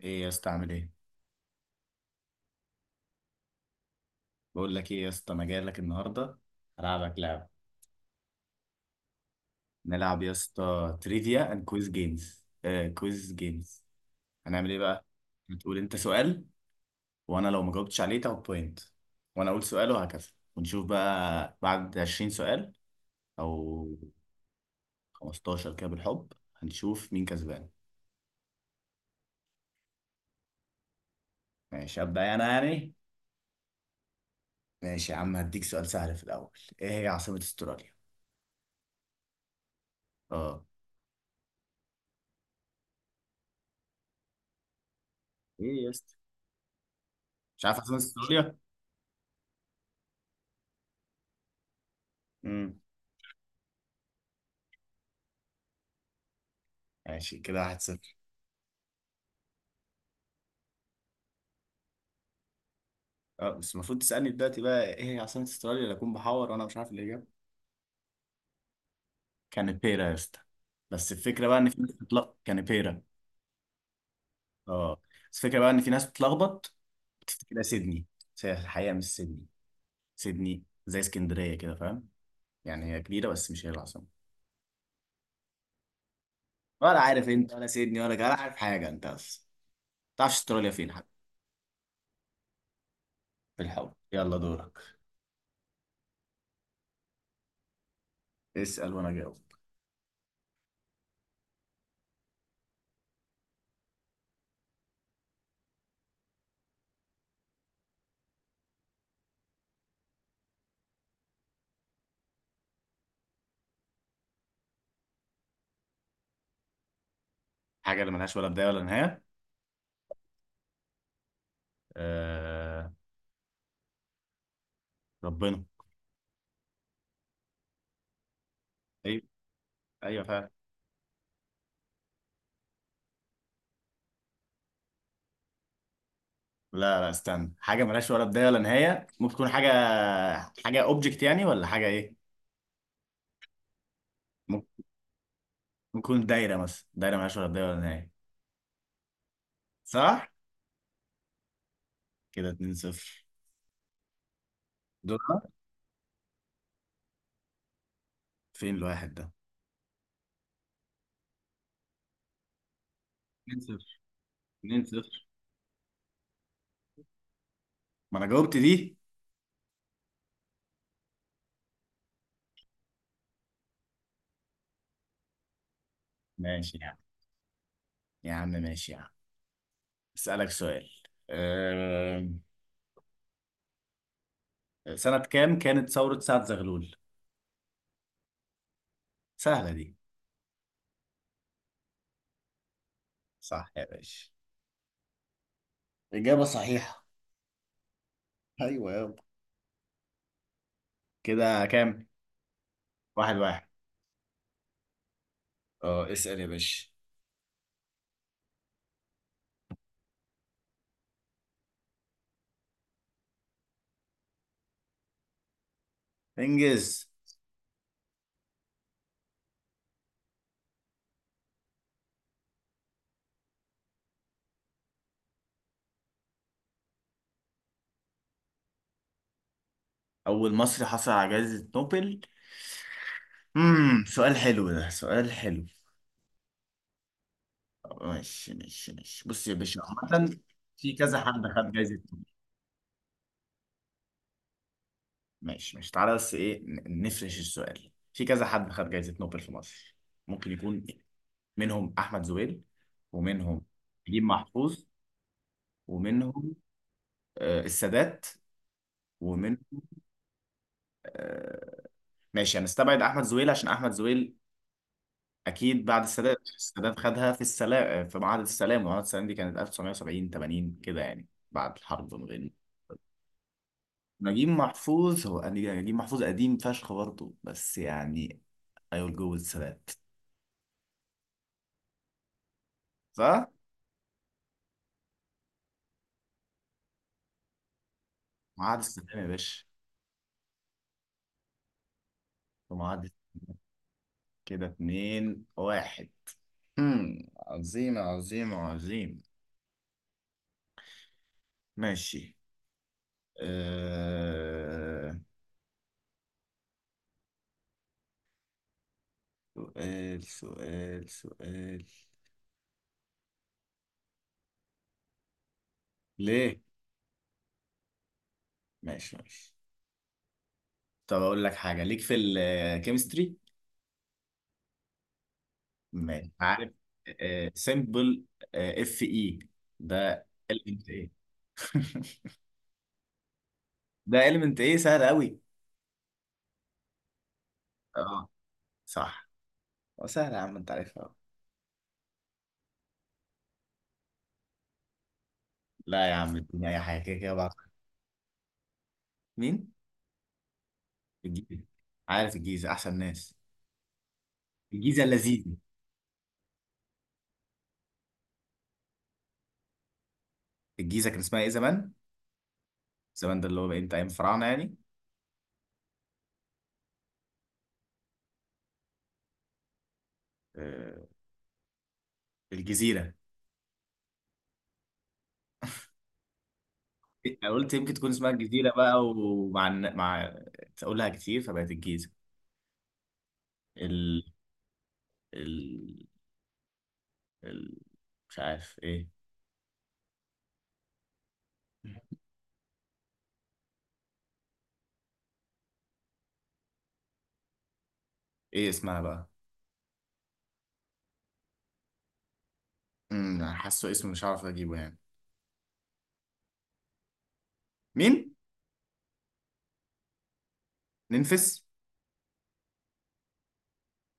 ايه يا اسطى؟ عامل ايه؟ بقول لك ايه يا اسطى، انا جاي لك النهارده هلعبك لعبه. نلعب يا اسطى تريفيا اند كويز جيمز، كويز جيمز. هنعمل ايه بقى؟ هتقول انت سؤال، وانا لو ما جاوبتش عليه تاخد بوينت، وانا اقول سؤال وهكذا، ونشوف بقى بعد 20 سؤال او 15 كده بالحب هنشوف مين كسبان. ماشي، ابدا انا يعني. ماشي يا عم، هديك سؤال سهل في الاول. ايه هي عاصمه استراليا؟ اه، ايه يا اسطى؟ مش عارف عاصمه استراليا؟ امم ماشي، كده 1-0. اه، بس المفروض تسألني دلوقتي بقى ايه هي عاصمة استراليا اللي اكون بحور وانا مش عارف الاجابة. كانبيرا يا اسطى، بس الفكرة بقى ان في ناس بتتلخبط. كانبيرا. اه، بس الفكرة بقى ان في ناس بتتلخبط، بتفتكرها سيدني، بس هي الحقيقة مش سيدني. سيدني زي اسكندرية كده، فاهم؟ يعني هي كبيرة بس مش هي العاصمة. ولا عارف انت، ولا سيدني، ولا عارف حاجة انت اصلا، تعرفش استراليا فين حتى؟ في الحول. يلا دورك. اسأل وانا جاوب. حاجة اللي ملهاش ولا بداية ولا نهاية؟ آه... ربنا. ايوه. ايوه فعلا. لا لا، استنى، حاجة ملهاش ولا بداية ولا نهاية، ممكن تكون حاجة، حاجة اوبجكت يعني، ولا حاجة ايه؟ ممكن تكون دايرة مثلا، دايرة ملهاش ولا بداية ولا نهاية. صح. كده 2 0. دور. فين الواحد ده؟ 2 0. 2 0. ما انا جاوبت دي. ماشي يا عم. يا عم ماشي يا عم، اسألك سؤال. أم... سنة كام كانت ثورة سعد زغلول؟ سهلة دي. صح يا باشا، إجابة صحيحة. ايوه يابا. كده كام؟ واحد واحد. اه اسأل يا باشا. انجز. أول مصري حصل على جائزة نوبل؟ سؤال حلو ده، سؤال حلو. ماشي ماشي ماشي، بص يا باشا. عامة في كذا حد خد جائزة نوبل. ماشي ماشي، تعالى بس إيه، نفرش السؤال، في كذا حد خد جائزة نوبل في مصر، ممكن يكون منهم أحمد زويل، ومنهم نجيب محفوظ، ومنهم السادات، ومن، آه ماشي. هنستبعد أحمد زويل عشان أحمد زويل اكيد بعد السادات، السادات خدها في السلام، في معاهده السلام، ومعاهده السلام دي كانت 1970 80 كده يعني بعد الحرب ما بين. نجيب محفوظ، هو نجيب محفوظ قديم فشخ برضه بس يعني، I will go with السلام. صح؟ معاهده السلام يا باشا، في معاهده. كده اتنين واحد. امم عظيم عظيم عظيم. ماشي. أه... سؤال سؤال سؤال. ليه؟ ماشي ماشي. طب اقول لك حاجه ليك في الكيمستري. ماشي عارف. سمبل اف اي ده element ايه؟ ده element ايه، سهل قوي. اه، صح. هو سهل يا عم، انت عارفها أهو. لا يا عم اديني اي حاجه، كده كده بعض. مين؟ الجيزه. عارف الجيزه، احسن ناس. الجيزه اللذيذه. الجيزه كان اسمها ايه زمان؟ زمان ده اللي هو بقى امتى، ايام الفراعنه يعني؟ آه، الجزيره. أنا قلت يمكن تكون اسمها الجزيره بقى، ومع مع تقولها كتير فبقت الجيزه. ال ال ال مش عارف ايه. ايه اسمها بقى؟ أنا حاسه اسمه مش عارف اجيبه يعني. مين؟ ننفس؟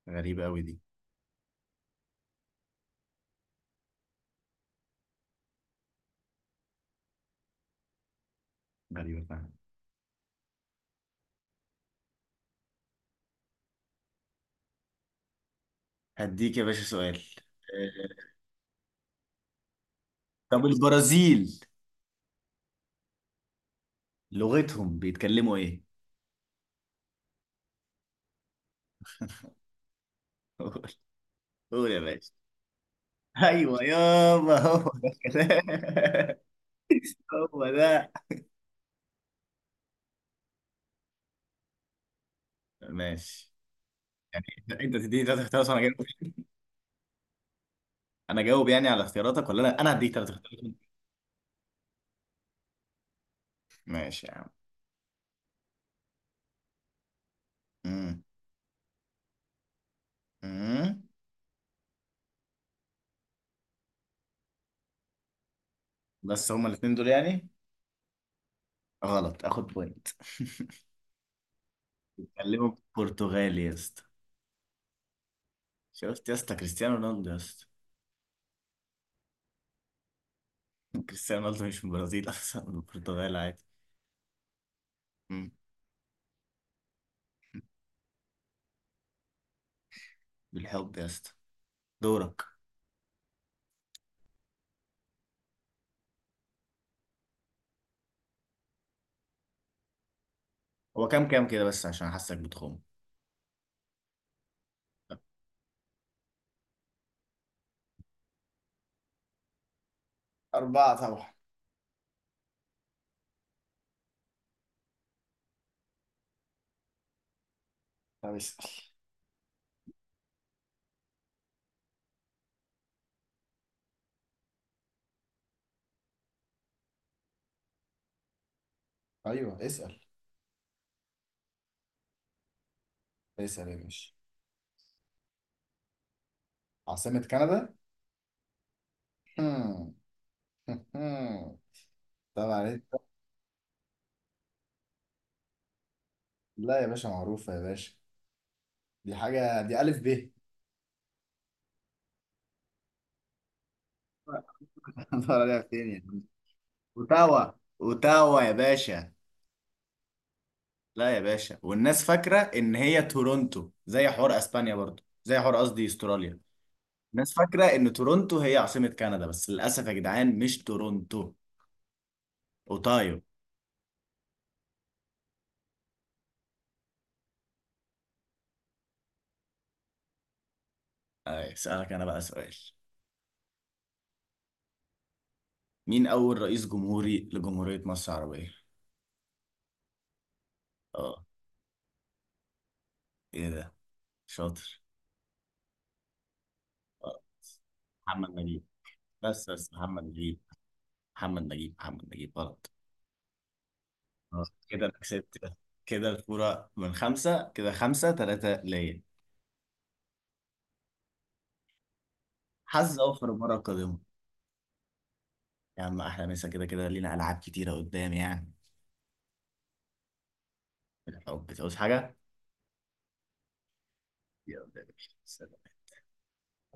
غريبة قوي دي. غريبة فعلا. هديك يا باشا سؤال. آه، طب البرازيل لغتهم بيتكلموا ايه؟ قول. قول يا باشا. ايوه يابا، هو ده الكلام. هو ده. ماشي. انت تديني ثلاث اختيارات وانا جاوب؟ انا جاوب يعني على اختياراتك، ولا لا انا هديك ثلاث اختيارات؟ ماشي يا عم. امم امم بس هما الاثنين دول يعني؟ غلط، اخد بوينت. كلمه برتغالي يا اسطى. شفت يا اسطى، كريستيانو رونالدو يا اسطى. كريستيانو رونالدو مش من البرازيل اصلا، من البرتغال، عادي. مم. بالحب يا اسطى. دورك. هو كام كام كده بس، عشان حاسك بتخم. أربعة طبعا. طب اسأل. أيوه اسأل. اسأل يا باشا. عاصمة كندا؟ هم. هم. طبعا انت. لا يا باشا، معروفة يا باشا، دي حاجة دي ألف ب. دور عليها فين يا عم. اوتاوا. اوتاوا يا باشا. لا يا باشا، والناس فاكره ان هي تورونتو، زي حوار اسبانيا برضو، زي حوار، قصدي استراليا. الناس فاكره ان تورونتو هي عاصمه كندا، بس للاسف يا جدعان مش تورونتو. اوتايو. اسالك انا بقى سؤال. مين اول رئيس جمهوري لجمهوريه مصر العربيه؟ اه. ايه ده، شاطر. آه، محمد نجيب. بس محمد نجيب، محمد نجيب، محمد نجيب غلط. كده انا كسبت. كده كده الفورة من خمسة، كده خمسة تلاتة ليا. حظ أوفر المرة القادمة. يا عم أحلى مسا، كده كده لينا ألعاب كتيرة قدام يعني. بالحب، تعوز حاجة؟ يلا يا باشا. سلام.